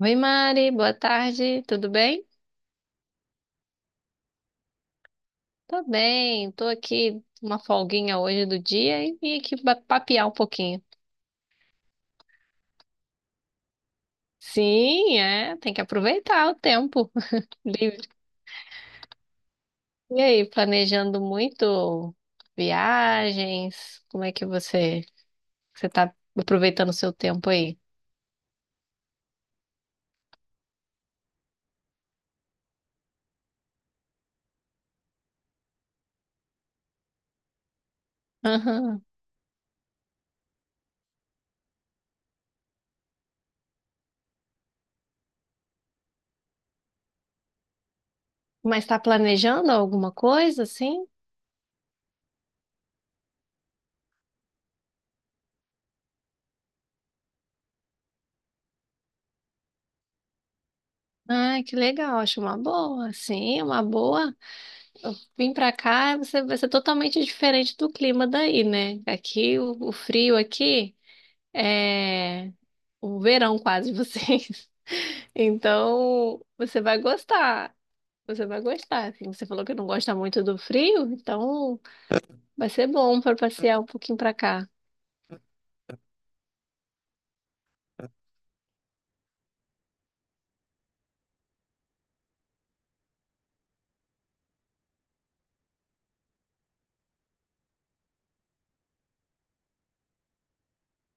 Oi, Mari, boa tarde, tudo bem? Tô bem, tô aqui uma folguinha hoje do dia e vim aqui papear um pouquinho. Sim, é, tem que aproveitar o tempo livre. E aí, planejando muito viagens? Como é que você tá aproveitando o seu tempo aí? Aham. Mas tá planejando alguma coisa assim? Ah, que legal, acho uma boa. Sim, uma boa. Vim pra cá, você vai ser totalmente diferente do clima daí, né? Aqui, o frio aqui é o verão quase de vocês. Então, você vai gostar. Você vai gostar. Assim. Você falou que não gosta muito do frio, então vai ser bom para passear um pouquinho pra cá.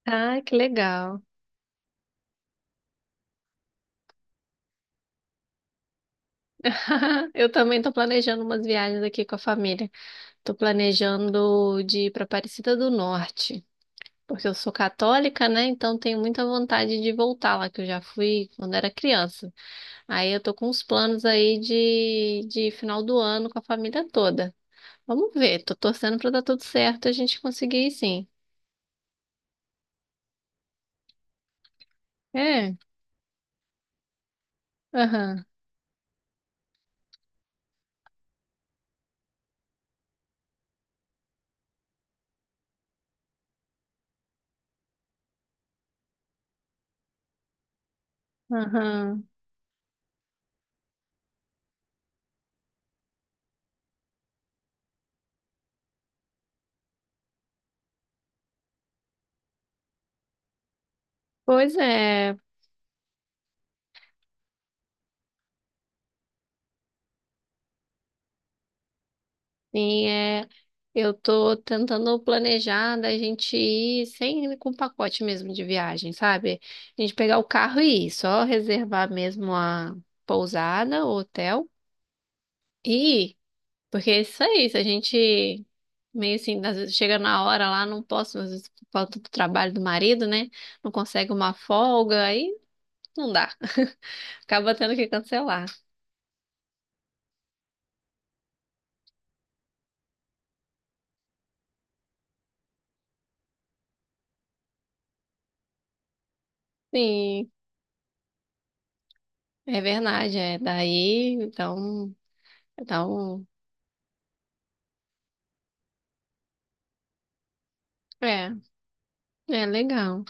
Ah, que legal. Eu também tô planejando umas viagens aqui com a família. Tô planejando de ir pra Aparecida do Norte. Porque eu sou católica, né? Então tenho muita vontade de voltar lá, que eu já fui quando era criança. Aí eu tô com uns planos aí de final do ano com a família toda. Vamos ver, tô torcendo pra dar tudo certo, e a gente conseguir ir sim. É, aham, aham. Pois é, sim, é. Eu tô tentando planejar da gente ir sem com pacote mesmo de viagem, sabe? A gente pegar o carro e ir, só reservar mesmo a pousada, o hotel. E porque é isso aí, se a gente meio assim, às vezes chega na hora lá, não posso, às vezes por falta do trabalho do marido, né? Não consegue uma folga, aí não dá. Acaba tendo que cancelar. Sim, é verdade, é. Daí, então, então, é, é legal.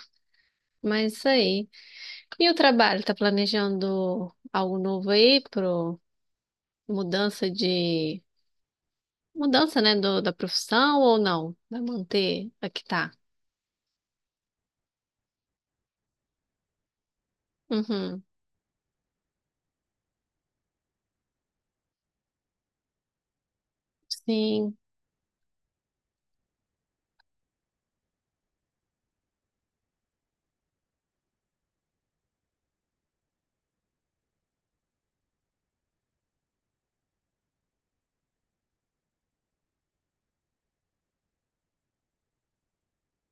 Mas isso aí. E o trabalho, tá planejando algo novo aí pro mudança de mudança, né, da profissão ou não? Vai manter a que tá? Uhum. Sim,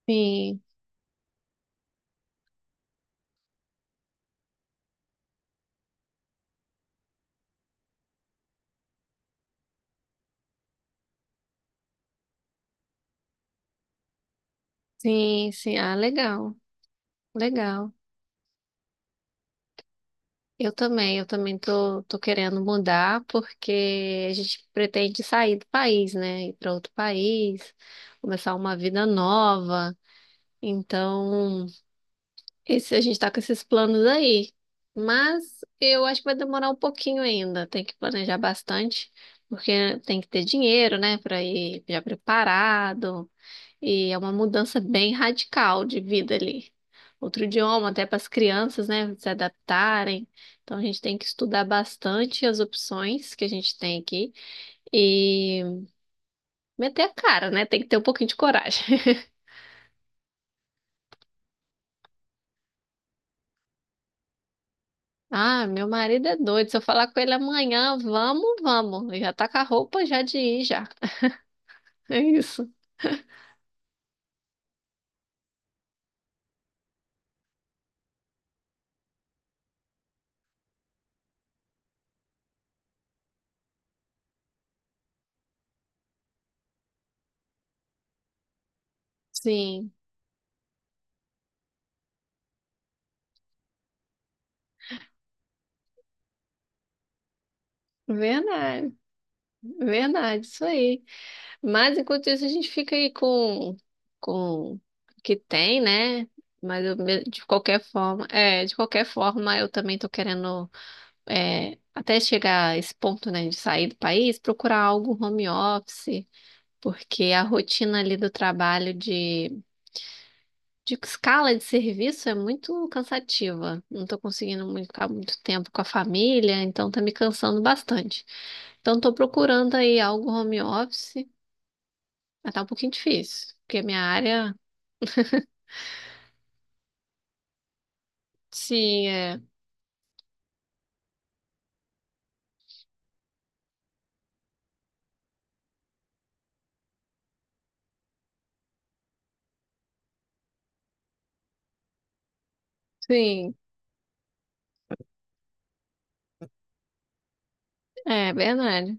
sim. Sim, sim. Ah, legal, legal. Eu também tô, tô querendo mudar porque a gente pretende sair do país, né? Ir para outro país, começar uma vida nova. Então, esse, a gente tá com esses planos aí. Mas eu acho que vai demorar um pouquinho ainda. Tem que planejar bastante, porque tem que ter dinheiro, né? Para ir já preparado. E é uma mudança bem radical de vida ali. Outro idioma, até para as crianças, né, se adaptarem. Então a gente tem que estudar bastante as opções que a gente tem aqui e meter a cara, né? Tem que ter um pouquinho de coragem. Ah, meu marido é doido. Se eu falar com ele amanhã, vamos, vamos. Ele já tá com a roupa já de ir já. É isso. Sim, verdade. Verdade, isso aí. Mas enquanto isso, a gente fica aí com o que tem, né? Mas eu de qualquer forma, é, de qualquer forma, eu também tô querendo, é, até chegar a esse ponto, né, de sair do país, procurar algo home office, porque a rotina ali do trabalho de escala de serviço é muito cansativa. Não tô conseguindo muito, ficar muito tempo com a família, então tá me cansando bastante. Então, estou procurando aí algo home office, mas tá um pouquinho difícil, porque a minha área, sim, é, sim, é verdade.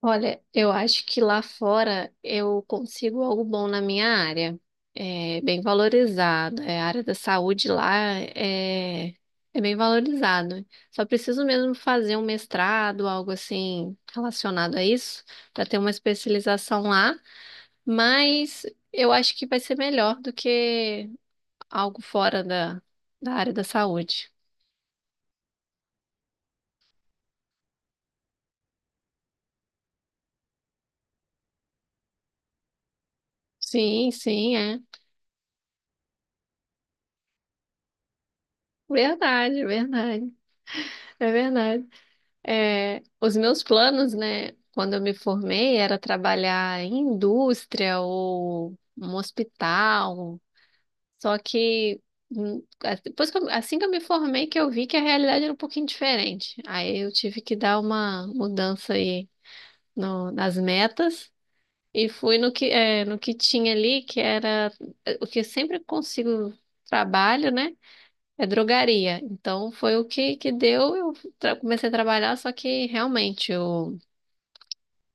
Olha, eu acho que lá fora eu consigo algo bom na minha área. É bem valorizado. É, a área da saúde lá é, é bem valorizado. Só preciso mesmo fazer um mestrado, algo assim relacionado a isso, para ter uma especialização lá. Mas eu acho que vai ser melhor do que algo fora da área da saúde. Sim, sim, é. Verdade, verdade. É verdade. É, os meus planos, né, quando eu me formei, era trabalhar em indústria ou um hospital. Só que depois que assim que eu me formei, que eu vi que a realidade era um pouquinho diferente. Aí eu tive que dar uma mudança aí nas metas e fui no que, é, no que tinha ali, que era é, o que eu sempre consigo trabalho, né? É drogaria. Então foi o que que deu. Eu comecei a trabalhar, só que realmente o,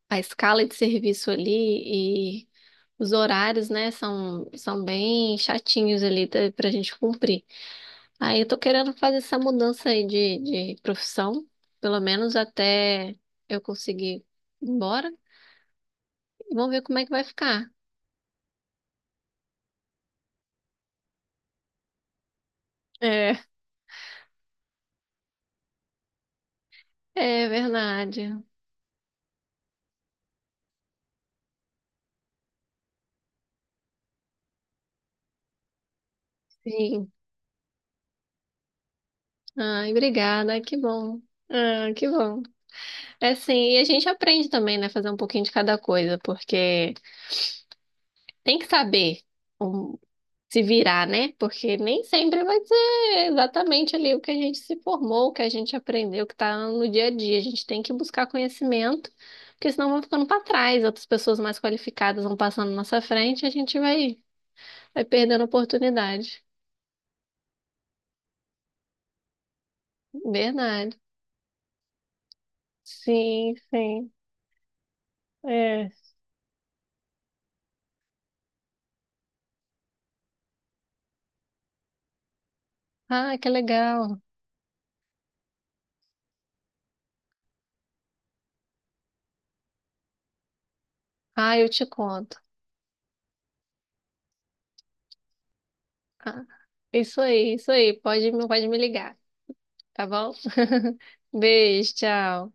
a escala de serviço ali e os horários, né, são, são bem chatinhos ali pra gente cumprir. Aí eu tô querendo fazer essa mudança aí de profissão, pelo menos até eu conseguir ir embora. Vamos ver como é que vai ficar. É, é verdade. Sim. Ai, obrigada. Que bom. Ah, que bom. É sim, e a gente aprende também, né? Fazer um pouquinho de cada coisa, porque tem que saber um- se virar, né? Porque nem sempre vai ser exatamente ali o que a gente se formou, o que a gente aprendeu, o que tá no dia a dia. A gente tem que buscar conhecimento, porque senão vão ficando para trás, outras pessoas mais qualificadas vão passando na nossa frente e a gente vai perdendo oportunidade. Verdade. Sim, sim. É. Ah, que legal. Ah, eu te conto. Ah, isso aí, isso aí. Pode, pode me ligar, tá bom? Beijo, tchau.